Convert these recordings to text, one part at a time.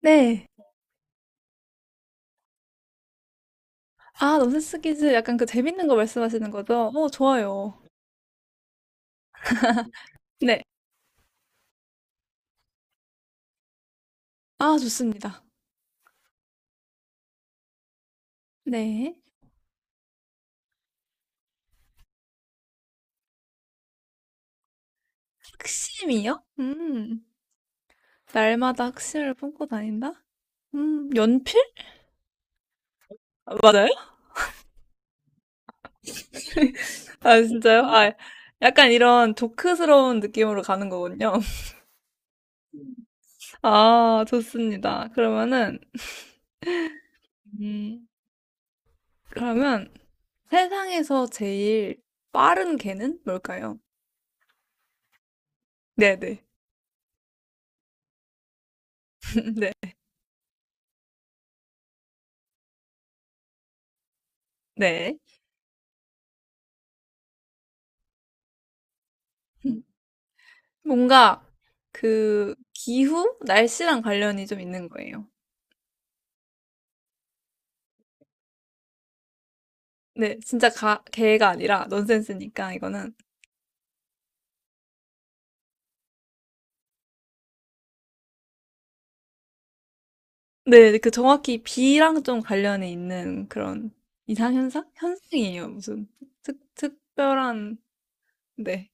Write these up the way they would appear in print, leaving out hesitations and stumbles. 네. 아, 넌센스 퀴즈 약간 그 재밌는 거 말씀하시는 거죠? 어, 좋아요. 네. 아, 좋습니다. 네. 학심이요? 음. 날마다 학심을 품고 다닌다? 연필? 아, 맞아요? 아, 진짜요? 아, 약간 이런 조크스러운 느낌으로 가는 거군요. 아, 좋습니다. 그러면은, 음, 그러면 세상에서 제일 빠른 개는 뭘까요? 네네. 네. 네. 뭔가 그 기후? 날씨랑 관련이 좀 있는 거예요. 네, 진짜 개가 아니라 넌센스니까 이거는. 네, 그 정확히 비랑 좀 관련이 있는 그런 이상현상? 현상이에요. 무슨 특별한, 네.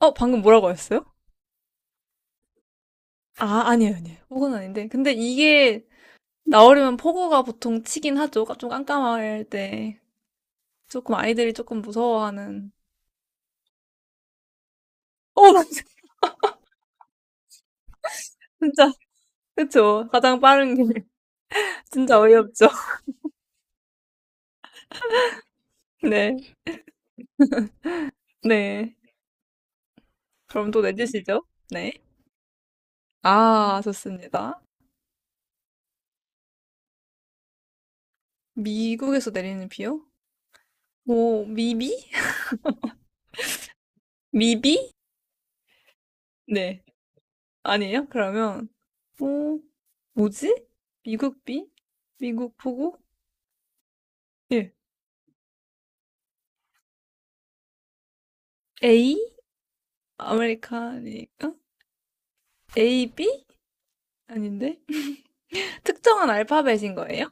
어, 방금 뭐라고 하셨어요? 아, 아니에요, 아니에요. 폭우는 아닌데. 근데 이게 나오려면 폭우가 보통 치긴 하죠. 좀 깜깜할 때. 조금 아이들이 조금 무서워하는. 어, 진짜. 그쵸. 가장 빠른 게 진짜 어이없죠. 네, 네. 그럼 또 내주시죠. 네. 아, 좋습니다. 미국에서 내리는 비요? 뭐, 미비? 미비? 네. 아니에요? 그러면, 뭐, 뭐지? 미국 비? 미국 보고? 예. A? 아메리카니까? AB? 아닌데? 특정한 알파벳인 거예요?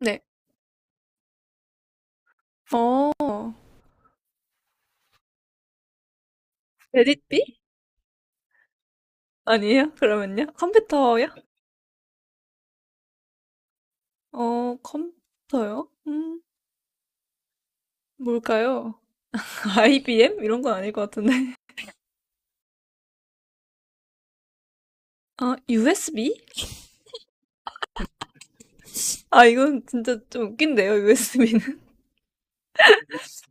네. 어, 레딧 B? 아니에요? 그러면요? 컴퓨터요? 어, 컴퓨터요? 뭘까요? IBM? 이런 건 아닐 것 같은데. 아, USB? 아, 이건 진짜 좀 웃긴데요, USB는.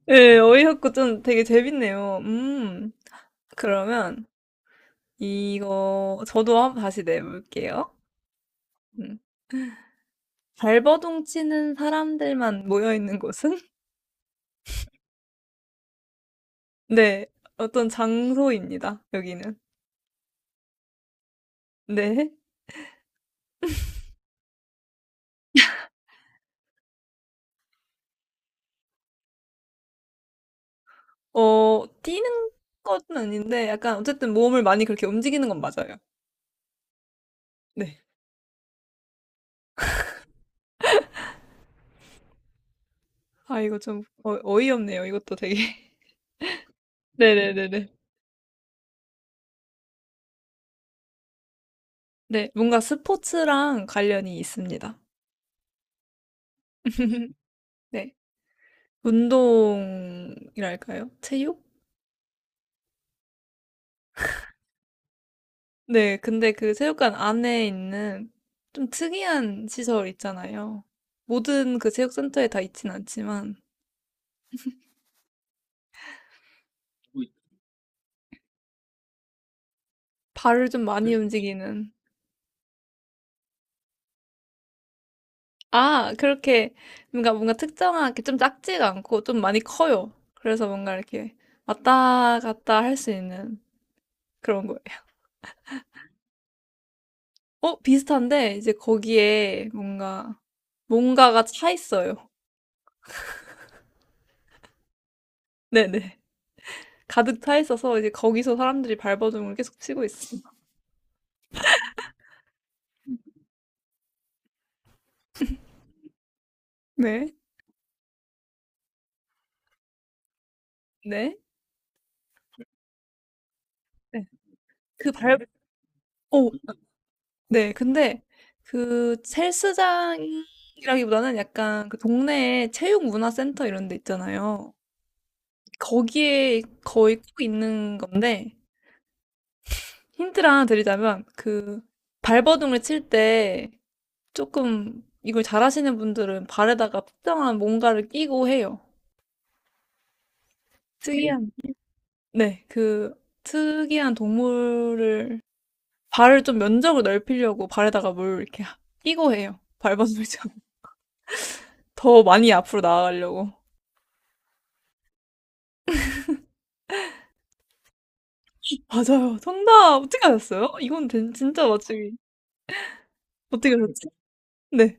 예, 어이없고 좀 되게 재밌네요. 그러면 이거 저도 한번 다시 내볼게요. 음. 발버둥 치는 사람들만 모여 있는 곳은? 네, 어떤 장소입니다, 여기는. 네. 어, 뛰는 건 아닌데, 약간 어쨌든 몸을 많이 그렇게 움직이는 건 맞아요. 네. 아, 이거 좀 어이없네요. 이것도 되게. 네네네네. 네, 뭔가 스포츠랑 관련이 있습니다. 네, 운동이랄까요? 체육? 네, 근데 그 체육관 안에 있는 좀 특이한 시설 있잖아요. 모든 그 체육센터에 다 있진 않지만, 발을 좀 많이 그, 움직이는. 아, 그렇게 뭔가 특정하게 좀 작지가 않고 좀 많이 커요. 그래서 뭔가 이렇게 왔다 갔다 할 수 있는 그런 거예요. 어, 비슷한데 이제 거기에 뭔가 뭔가가 차 있어요. 네네. 가득 차 있어서 이제 거기서 사람들이 발버둥을 계속 치고 있어요. 네. 네. 네. 그 발 어 네. 근데 그 헬스장이라기보다는 약간 그 동네에 체육문화센터 이런 데 있잖아요. 거기에 거의 꼭 있는 건데 힌트를 하나 드리자면 그 발버둥을 칠 때 조금 이걸 잘하시는 분들은 발에다가 특정한 뭔가를 끼고 해요. 특이한 네. 그 특이한 동물을 발을 좀 면적을 넓히려고 발에다가 뭘 이렇게 끼고 해요. 발버둥이처럼. 더 많이 앞으로 나아가려고. 맞아요. 정답! 어떻게 아셨어요? 이건 진짜 맞추기. 어떻게 아셨지? 네.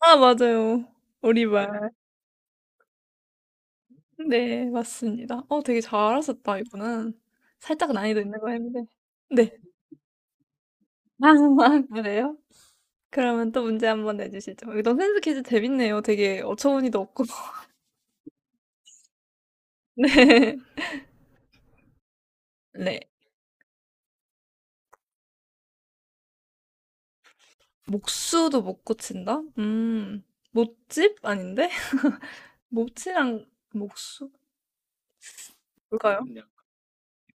아, 맞아요. 오리발. 네, 맞습니다. 어, 되게 잘하셨다, 이분은. 살짝 난이도 있는 거 했는데. 네. 아, 그래요? 그러면 또 문제 한번 내주시죠. 이런 센스 퀴즈 재밌네요. 되게 어처구니도 없고. 네. 네. 목수도 못 고친다? 못집? 아닌데? 못이랑 목수? 뭘까요?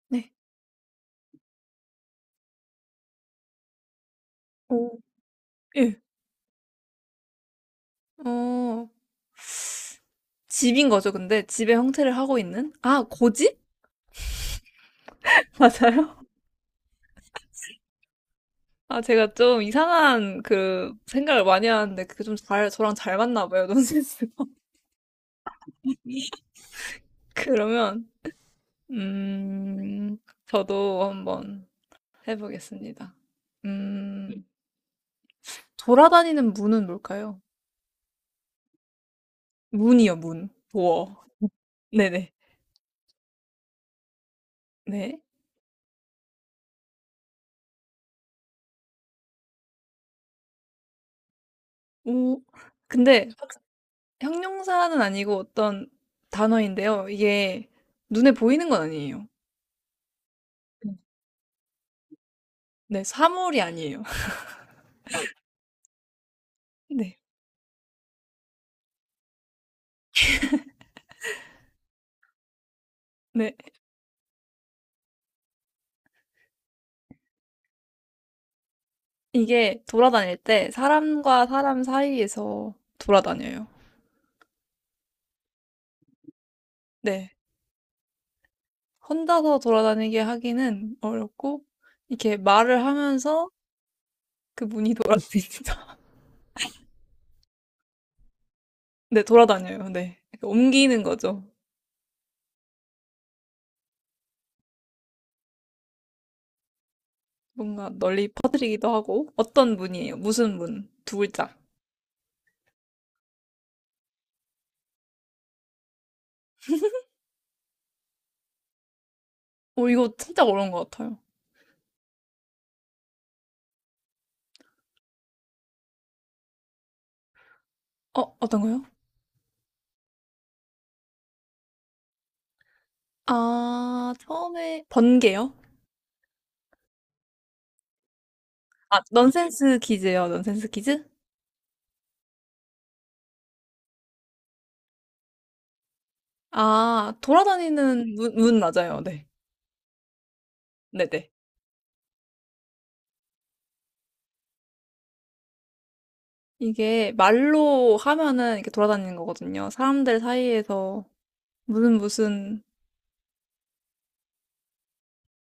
네. 오, 예. 어, 집인 거죠, 근데? 집의 형태를 하고 있는? 아, 고집? 맞아요? 아, 제가 좀 이상한 그 생각을 많이 하는데 그게 좀 잘, 저랑 잘 맞나 봐요, 논센스가. 그러면, 음, 저도 한번 해보겠습니다. 음, 돌아다니는 문은 뭘까요? 문이요, 문. 도어. 네네. 네. 오 근데 확 형용사는 아니고 어떤 단어인데요. 이게 눈에 보이는 건 아니에요. 네. 네. 사물이 아니에요. 네. 네. 이게 돌아다닐 때 사람과 사람 사이에서 돌아다녀요. 네. 혼자서 돌아다니게 하기는 어렵고 이렇게 말을 하면서 그 문이 돌아다니다 네. 돌아다녀요. 네. 옮기는 거죠. 뭔가 널리 퍼뜨리기도 하고 어떤 문이에요? 무슨 문? 두 글자. 오 이거 진짜 어려운 것 같아요. 어 어떤 거요? 아 처음에 번개요? 아 넌센스 퀴즈요. 넌센스 퀴즈? 아 돌아다니는 문, 문 맞아요. 네 네네. 이게 말로 하면은 이렇게 돌아다니는 거거든요. 사람들 사이에서 무슨 무슨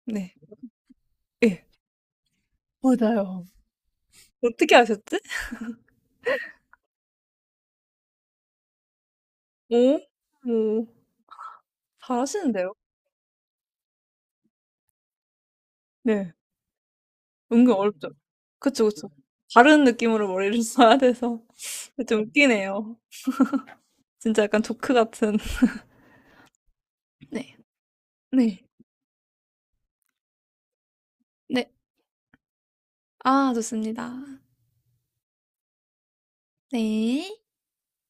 네 예. 맞아요. 어떻게 아셨지? 오, 오 잘하시는데요? 네. 은근 어렵죠. 그쵸, 그쵸. 다른 느낌으로 머리를 써야 돼서 좀 웃기네요. 진짜 약간 조크 같은. 네. 네. 네. 아, 좋습니다. 네.